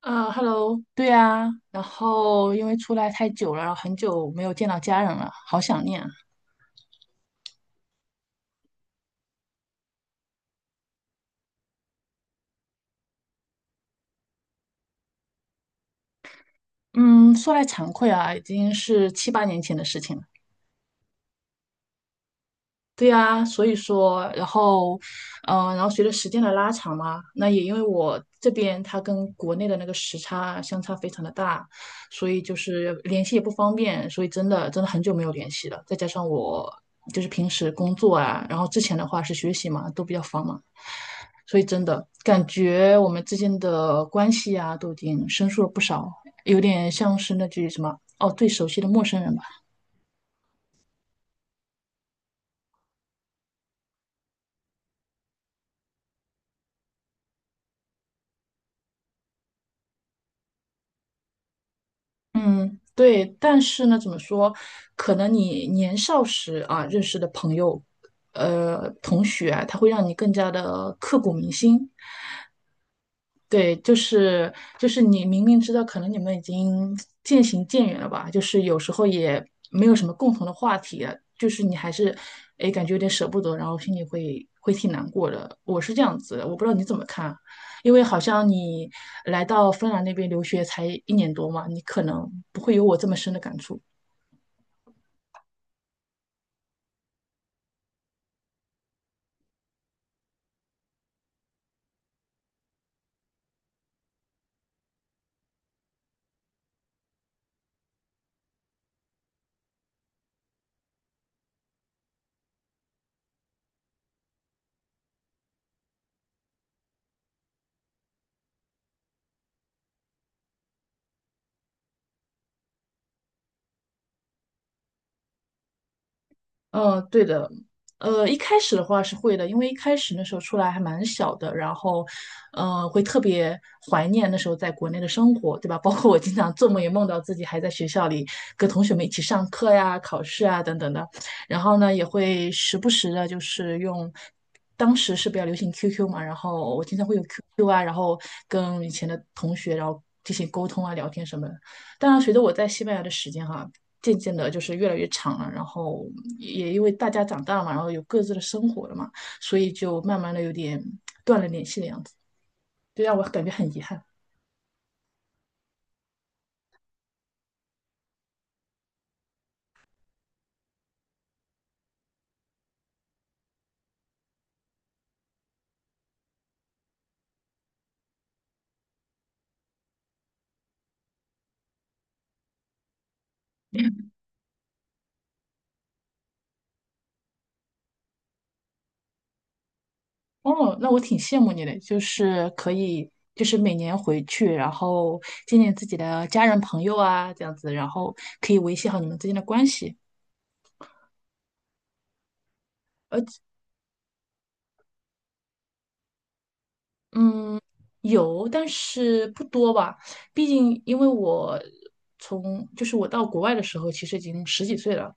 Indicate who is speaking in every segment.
Speaker 1: Hello，对啊，然后因为出来太久了，然后很久没有见到家人了，好想念啊。嗯，说来惭愧啊，已经是七八年前的事情了。对呀，所以说，然后，嗯、然后随着时间的拉长嘛，那也因为我这边它跟国内的那个时差相差非常的大，所以就是联系也不方便，所以真的很久没有联系了。再加上我就是平时工作啊，然后之前的话是学习嘛，都比较繁忙，所以真的感觉我们之间的关系啊，都已经生疏了不少，有点像是那句什么哦，最熟悉的陌生人吧。嗯，对，但是呢，怎么说？可能你年少时啊认识的朋友，同学啊，他会让你更加的刻骨铭心。对，就是你明明知道可能你们已经渐行渐远了吧，就是有时候也没有什么共同的话题了，就是你还是哎感觉有点舍不得，然后心里会挺难过的。我是这样子的，我不知道你怎么看，因为好像你来到芬兰那边留学才一年多嘛，你可能不会有我这么深的感触。嗯，对的，一开始的话是会的，因为一开始那时候出来还蛮小的，然后，嗯，会特别怀念那时候在国内的生活，对吧？包括我经常做梦也梦到自己还在学校里跟同学们一起上课呀、考试啊等等的，然后呢，也会时不时的，就是用。当时是比较流行 QQ 嘛，然后我经常会有 QQ 啊，然后跟以前的同学，然后进行沟通啊、聊天什么的。当然，随着我在西班牙的时间哈，渐渐的就是越来越长了，然后也因为大家长大了嘛，然后有各自的生活了嘛，所以就慢慢的有点断了联系的样子，就让我感觉很遗憾。哦，那我挺羡慕你的，就是可以，就是每年回去，然后见见自己的家人朋友啊，这样子，然后可以维系好你们之间的关系。而嗯，有，但是不多吧。毕竟因为我从就是我到国外的时候，其实已经十几岁了，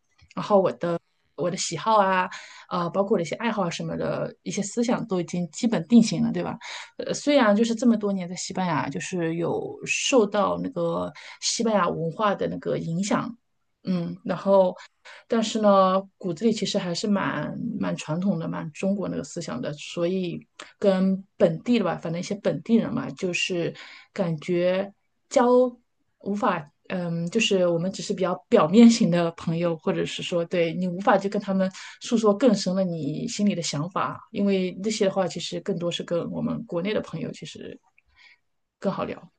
Speaker 1: 我的喜好啊，包括我的一些爱好啊什么的一些思想都已经基本定型了，对吧？虽然就是这么多年在西班牙，就是有受到那个西班牙文化的那个影响，嗯，然后但是呢，骨子里其实还是蛮传统的，蛮中国那个思想的，所以跟本地的吧，反正一些本地人嘛，就是感觉交无法，嗯，就是我们只是比较表面型的朋友，或者是说对你无法去跟他们诉说更深的你心里的想法，因为那些的话，其实更多是跟我们国内的朋友其实更好聊。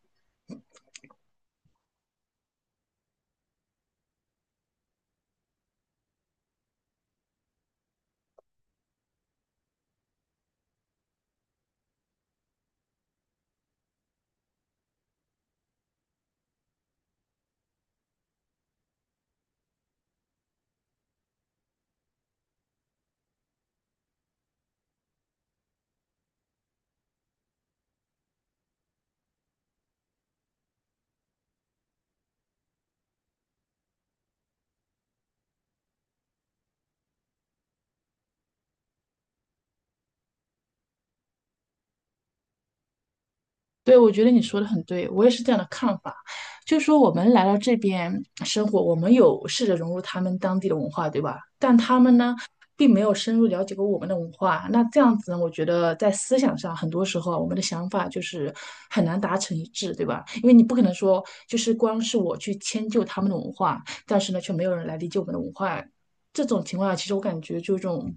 Speaker 1: 对，我觉得你说的很对，我也是这样的看法。就是说，我们来到这边生活，我们有试着融入他们当地的文化，对吧？但他们呢，并没有深入了解过我们的文化。那这样子呢，我觉得在思想上，很多时候啊我们的想法就是很难达成一致，对吧？因为你不可能说，就是光是我去迁就他们的文化，但是呢，却没有人来理解我们的文化。这种情况下，其实我感觉就有一种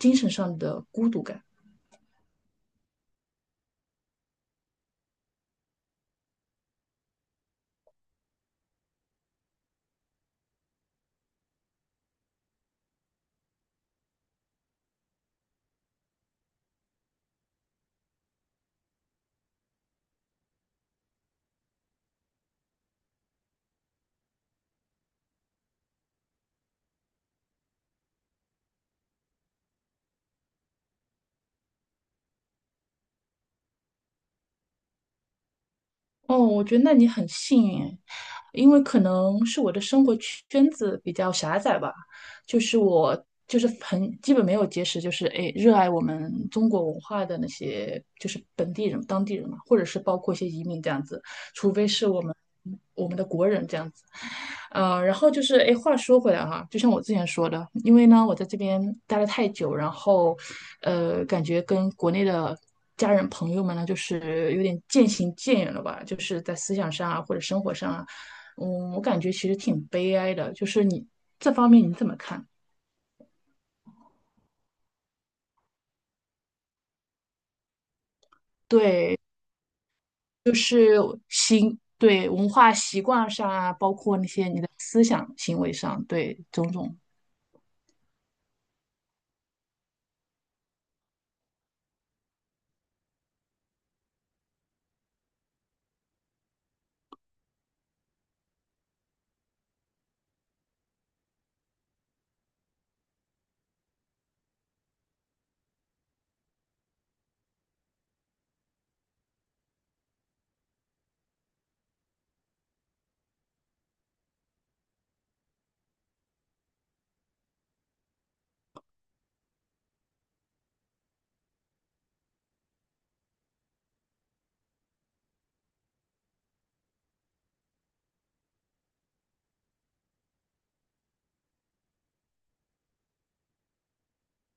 Speaker 1: 精神上的孤独感。哦，我觉得那你很幸运诶因为可能是我的生活圈子比较狭窄吧，就是我就是很基本没有结识，就是诶热爱我们中国文化的那些就是本地人、当地人嘛，或者是包括一些移民这样子。除非是我们的国人这样子。然后就是，哎，话说回来哈、就像我之前说的，因为呢，我在这边待了太久，然后，感觉跟国内的家人朋友们呢，就是有点渐行渐远了吧，就是在思想上啊，或者生活上啊，嗯，我感觉其实挺悲哀的，就是你这方面你怎么看？对，就是行，对，文化习惯上啊，包括那些你的思想行为上，对，种种。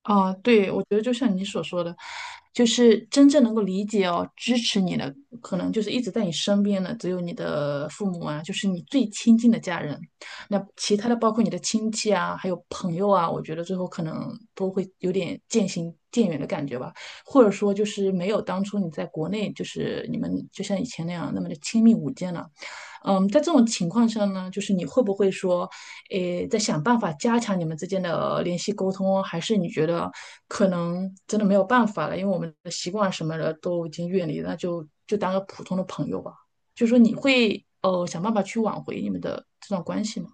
Speaker 1: 啊，对，我觉得就像你所说的，就是真正能够理解哦、支持你的，可能就是一直在你身边的，只有你的父母啊，就是你最亲近的家人。那其他的，包括你的亲戚啊，还有朋友啊，我觉得最后可能都会有点渐行渐远的感觉吧，或者说就是没有当初你在国内，就是你们就像以前那样那么的亲密无间了。嗯，在这种情况下呢，就是你会不会说，诶，在想办法加强你们之间的联系沟通，还是你觉得可能真的没有办法了，因为我们的习惯什么的都已经远离了，那就就当个普通的朋友吧。就说你会想办法去挽回你们的这段关系吗？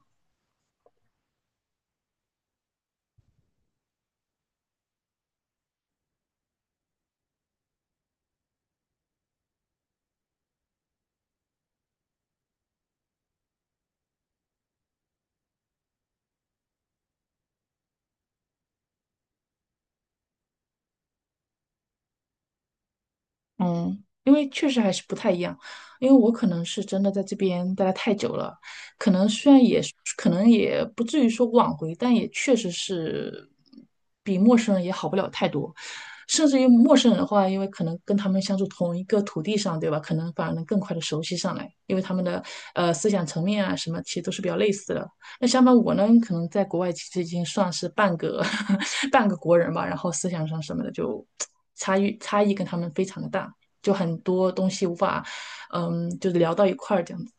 Speaker 1: 嗯，因为确实还是不太一样，因为我可能是真的在这边待得太久了，可能虽然也可能也不至于说挽回，但也确实是比陌生人也好不了太多，甚至于陌生人的话，因为可能跟他们相处同一个土地上，对吧？可能反而能更快的熟悉上来，因为他们的思想层面啊什么，其实都是比较类似的。那相反我呢，可能在国外其实已经算是半个 半个国人吧，然后思想上什么的就 差异跟他们非常的大。就很多东西无法，嗯，就是聊到一块儿这样子。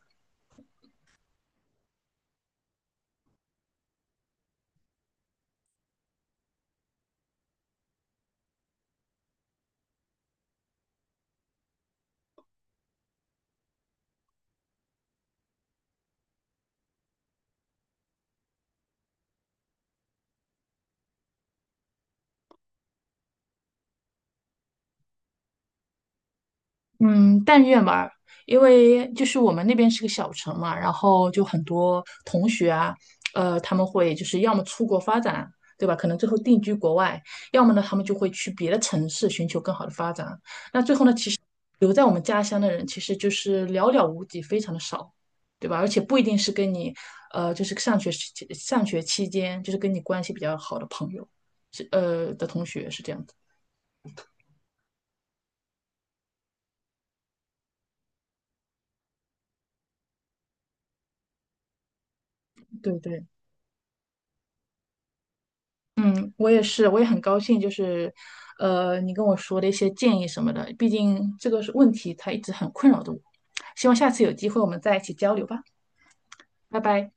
Speaker 1: 嗯，但愿吧，因为就是我们那边是个小城嘛，然后就很多同学啊，他们会就是要么出国发展，对吧？可能最后定居国外，要么呢，他们就会去别的城市寻求更好的发展。留在我们家乡的人其实就是寥寥无几，非常的少，对吧？而且不一定是跟你，就是上学时期上学期间，就是跟你关系比较好的朋友，是的同学是这样的。对对。我也是，我也很高兴，就是，你跟我说的一些建议什么的，毕竟这个是问题，它一直很困扰着我。希望下次有机会我们再一起交流吧，拜拜。